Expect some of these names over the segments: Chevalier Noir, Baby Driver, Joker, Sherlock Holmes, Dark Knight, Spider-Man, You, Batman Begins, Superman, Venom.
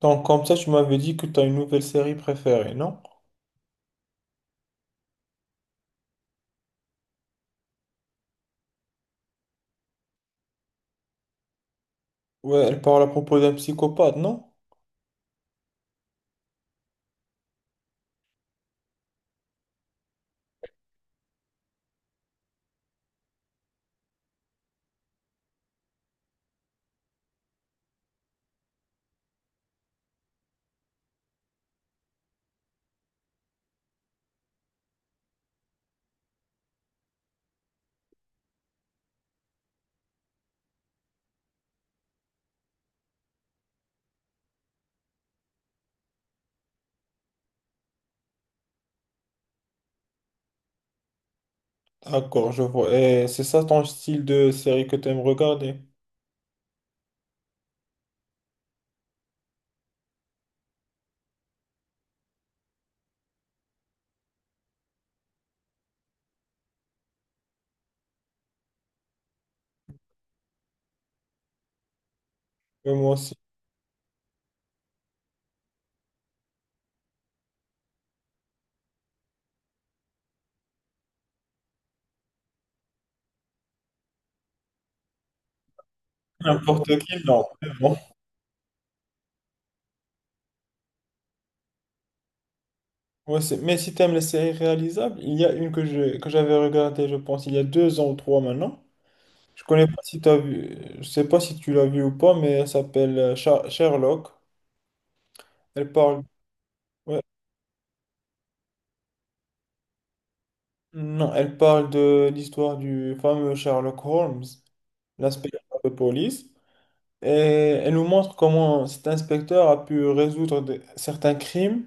Donc comme ça, tu m'avais dit que tu as une nouvelle série préférée, non? Ouais, elle parle à propos d'un psychopathe, non? D'accord, je vois. Et c'est ça ton style de série que tu aimes regarder? Ouais, moi aussi. N'importe qui, non. Mais bon. Ouais, mais si tu aimes les séries réalisables, il y a une que que j'avais regardée, je pense, il y a 2 ans ou 3 maintenant. Je connais pas si t'as vu, je sais pas si tu l'as vu ou pas, mais elle s'appelle Sherlock. Elle parle, ouais, non, elle parle de l'histoire du fameux Sherlock Holmes, l'inspecteur de police. Et elle nous montre comment cet inspecteur a pu résoudre certains crimes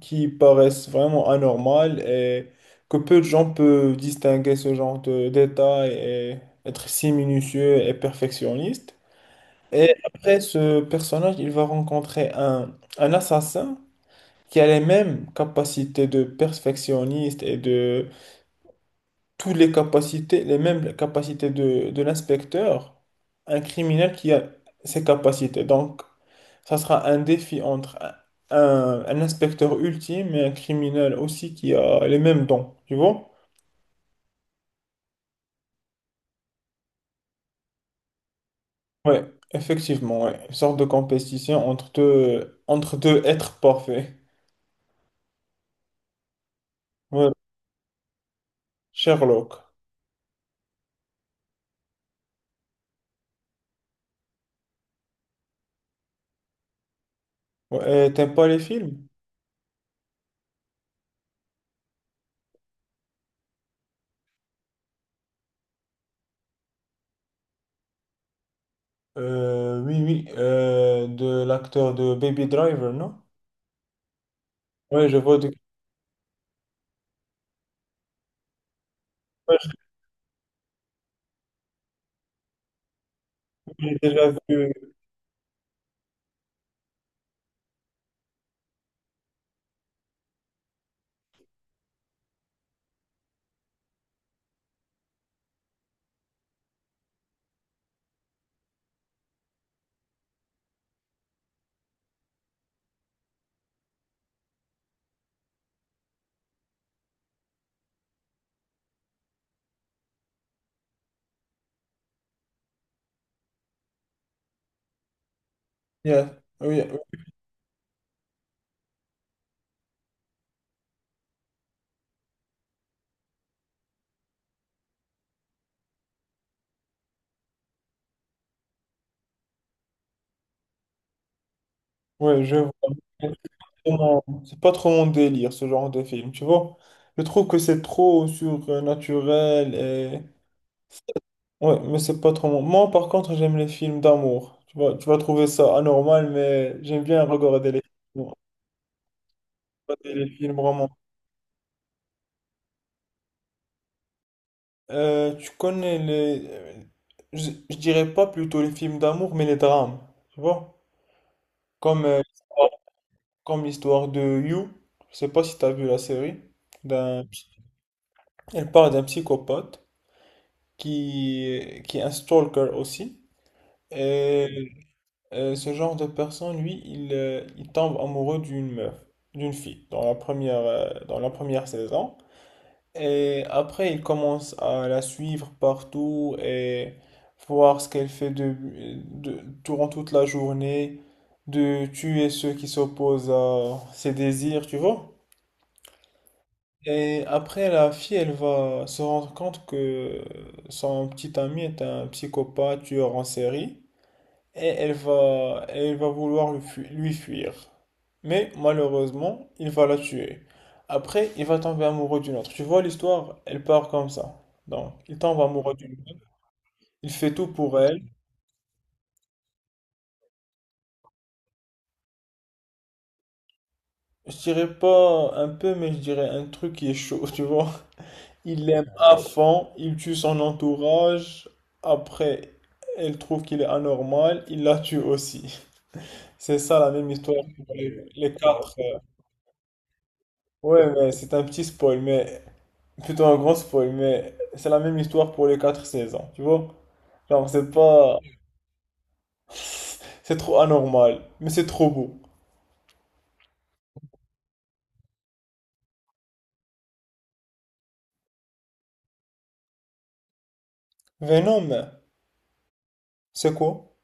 qui paraissent vraiment anormaux et que peu de gens peuvent distinguer ce genre de détails et être si minutieux et perfectionniste. Et après, ce personnage, il va rencontrer un assassin qui a les mêmes capacités de perfectionniste et de toutes les capacités, les mêmes capacités de l'inspecteur, un criminel qui a ces capacités. Donc, ça sera un défi entre un inspecteur ultime et un criminel aussi qui a les mêmes dons, tu vois? Ouais, effectivement, ouais. Une sorte de compétition entre deux êtres parfaits. Ouais, Sherlock. Ouais, et t'aimes pas les films? Oui, oui, de l'acteur de Baby Driver, non? Ouais, je vois de. Ouais, j'ai déjà vu. Yeah, oui, oui, ouais, je vois. Exactement. C'est pas trop mon délire, ce genre de film, tu vois. Je trouve que c'est trop surnaturel et. Ouais, mais c'est pas trop mon. Moi, par contre, j'aime les films d'amour. Tu vas trouver ça anormal, mais j'aime bien regarder les films, d'amour, regarder les films romantiques. Tu connais les. Je dirais pas plutôt les films d'amour, mais les drames, tu vois. Comme, euh, comme l'histoire de You. Je sais pas si t'as vu la série. D'un Elle parle d'un psychopathe qui est un stalker aussi. Et ce genre de personne, lui, il tombe amoureux d'une meuf, d'une fille, dans la première saison. Et après, il commence à la suivre partout et voir ce qu'elle fait durant toute la journée, de tuer ceux qui s'opposent à ses désirs, tu vois? Et après, la fille, elle va se rendre compte que son petit ami est un psychopathe tueur en série et elle va vouloir lui fuir. Mais malheureusement, il va la tuer. Après, il va tomber amoureux d'une autre. Tu vois, l'histoire, elle part comme ça. Donc, il tombe amoureux d'une autre. Il fait tout pour elle. Je dirais pas un peu, mais je dirais un truc qui est chaud, tu vois. Il l'aime à fond, il tue son entourage. Après, elle trouve qu'il est anormal, il la tue aussi. C'est ça la même histoire pour les 4. Ouais, mais c'est un petit spoil, mais plutôt un grand spoil, mais c'est la même histoire pour les 4 saisons, tu vois? Genre, c'est pas. C'est trop anormal, mais c'est trop beau. Venom, c'est quoi?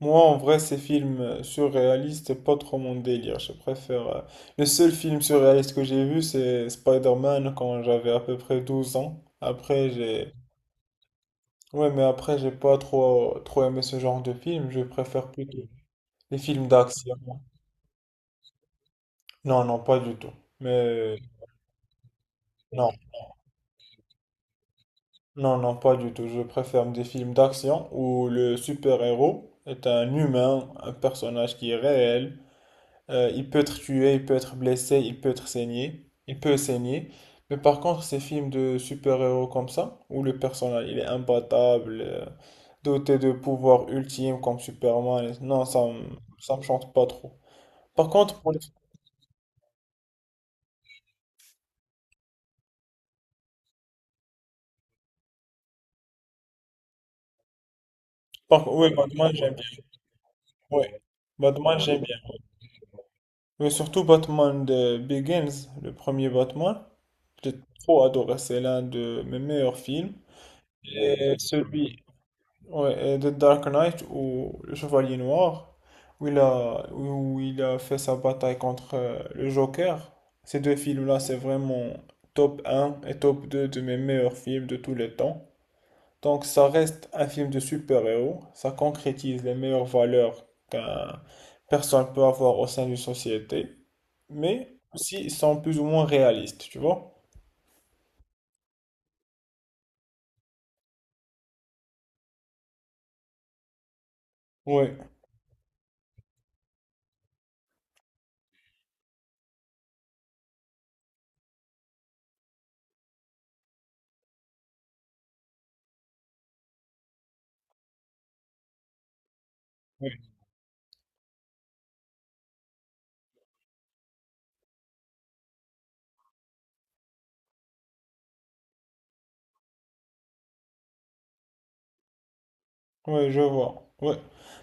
Moi, en vrai, ces films surréalistes, c'est pas trop mon délire. Je préfère. Le seul film surréaliste que j'ai vu, c'est Spider-Man quand j'avais à peu près 12 ans. Après, j'ai. Ouais, mais après, j'ai pas trop, trop aimé ce genre de film. Je préfère plutôt les films d'action. Non, non, pas du tout. Mais. Non, non, non, pas du tout. Je préfère des films d'action où le super-héros est un humain, un personnage qui est réel. Il peut être tué, il peut être blessé, il peut être saigné, il peut saigner. Mais par contre, ces films de super-héros comme ça, où le personnage il est imbattable, doté de pouvoirs ultimes comme Superman, non, ça, ça me chante pas trop. Par contre, pour. Oui, Batman, j'aime bien. Oui, Batman, j'aime bien. Mais surtout Batman de Begins, le premier Batman, j'ai trop adoré. C'est l'un de mes meilleurs films. Et celui, Ouais, et de Dark Knight ou le Chevalier Noir, où il a fait sa bataille contre le Joker. Ces deux films-là, c'est vraiment top un et top 2 de mes meilleurs films de tous les temps. Donc ça reste un film de super-héros, ça concrétise les meilleures valeurs qu'un personne peut avoir au sein d'une société, mais aussi ils sont plus ou moins réalistes, tu vois? Oui. Ouais, je vois. Ouais.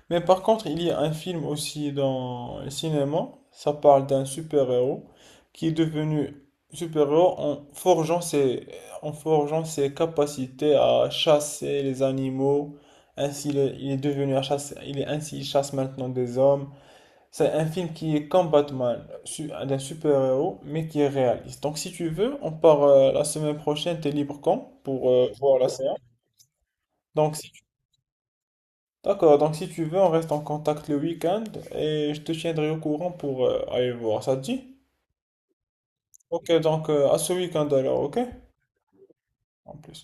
Mais par contre, il y a un film aussi dans le cinéma. Ça parle d'un super-héros qui est devenu super-héros en forgeant ses capacités à chasser les animaux. Ainsi, il est devenu il est ainsi, il chasse maintenant des hommes. C'est un film qui est comme Batman, d'un super-héros, mais qui est réaliste. Donc, si tu veux, on part la semaine prochaine. T'es libre quand pour voir la séance? Donc, D'accord, donc si tu veux, on reste en contact le week-end et je te tiendrai au courant pour aller voir. Ça te dit? Ok, donc à ce week-end alors, ok? En plus.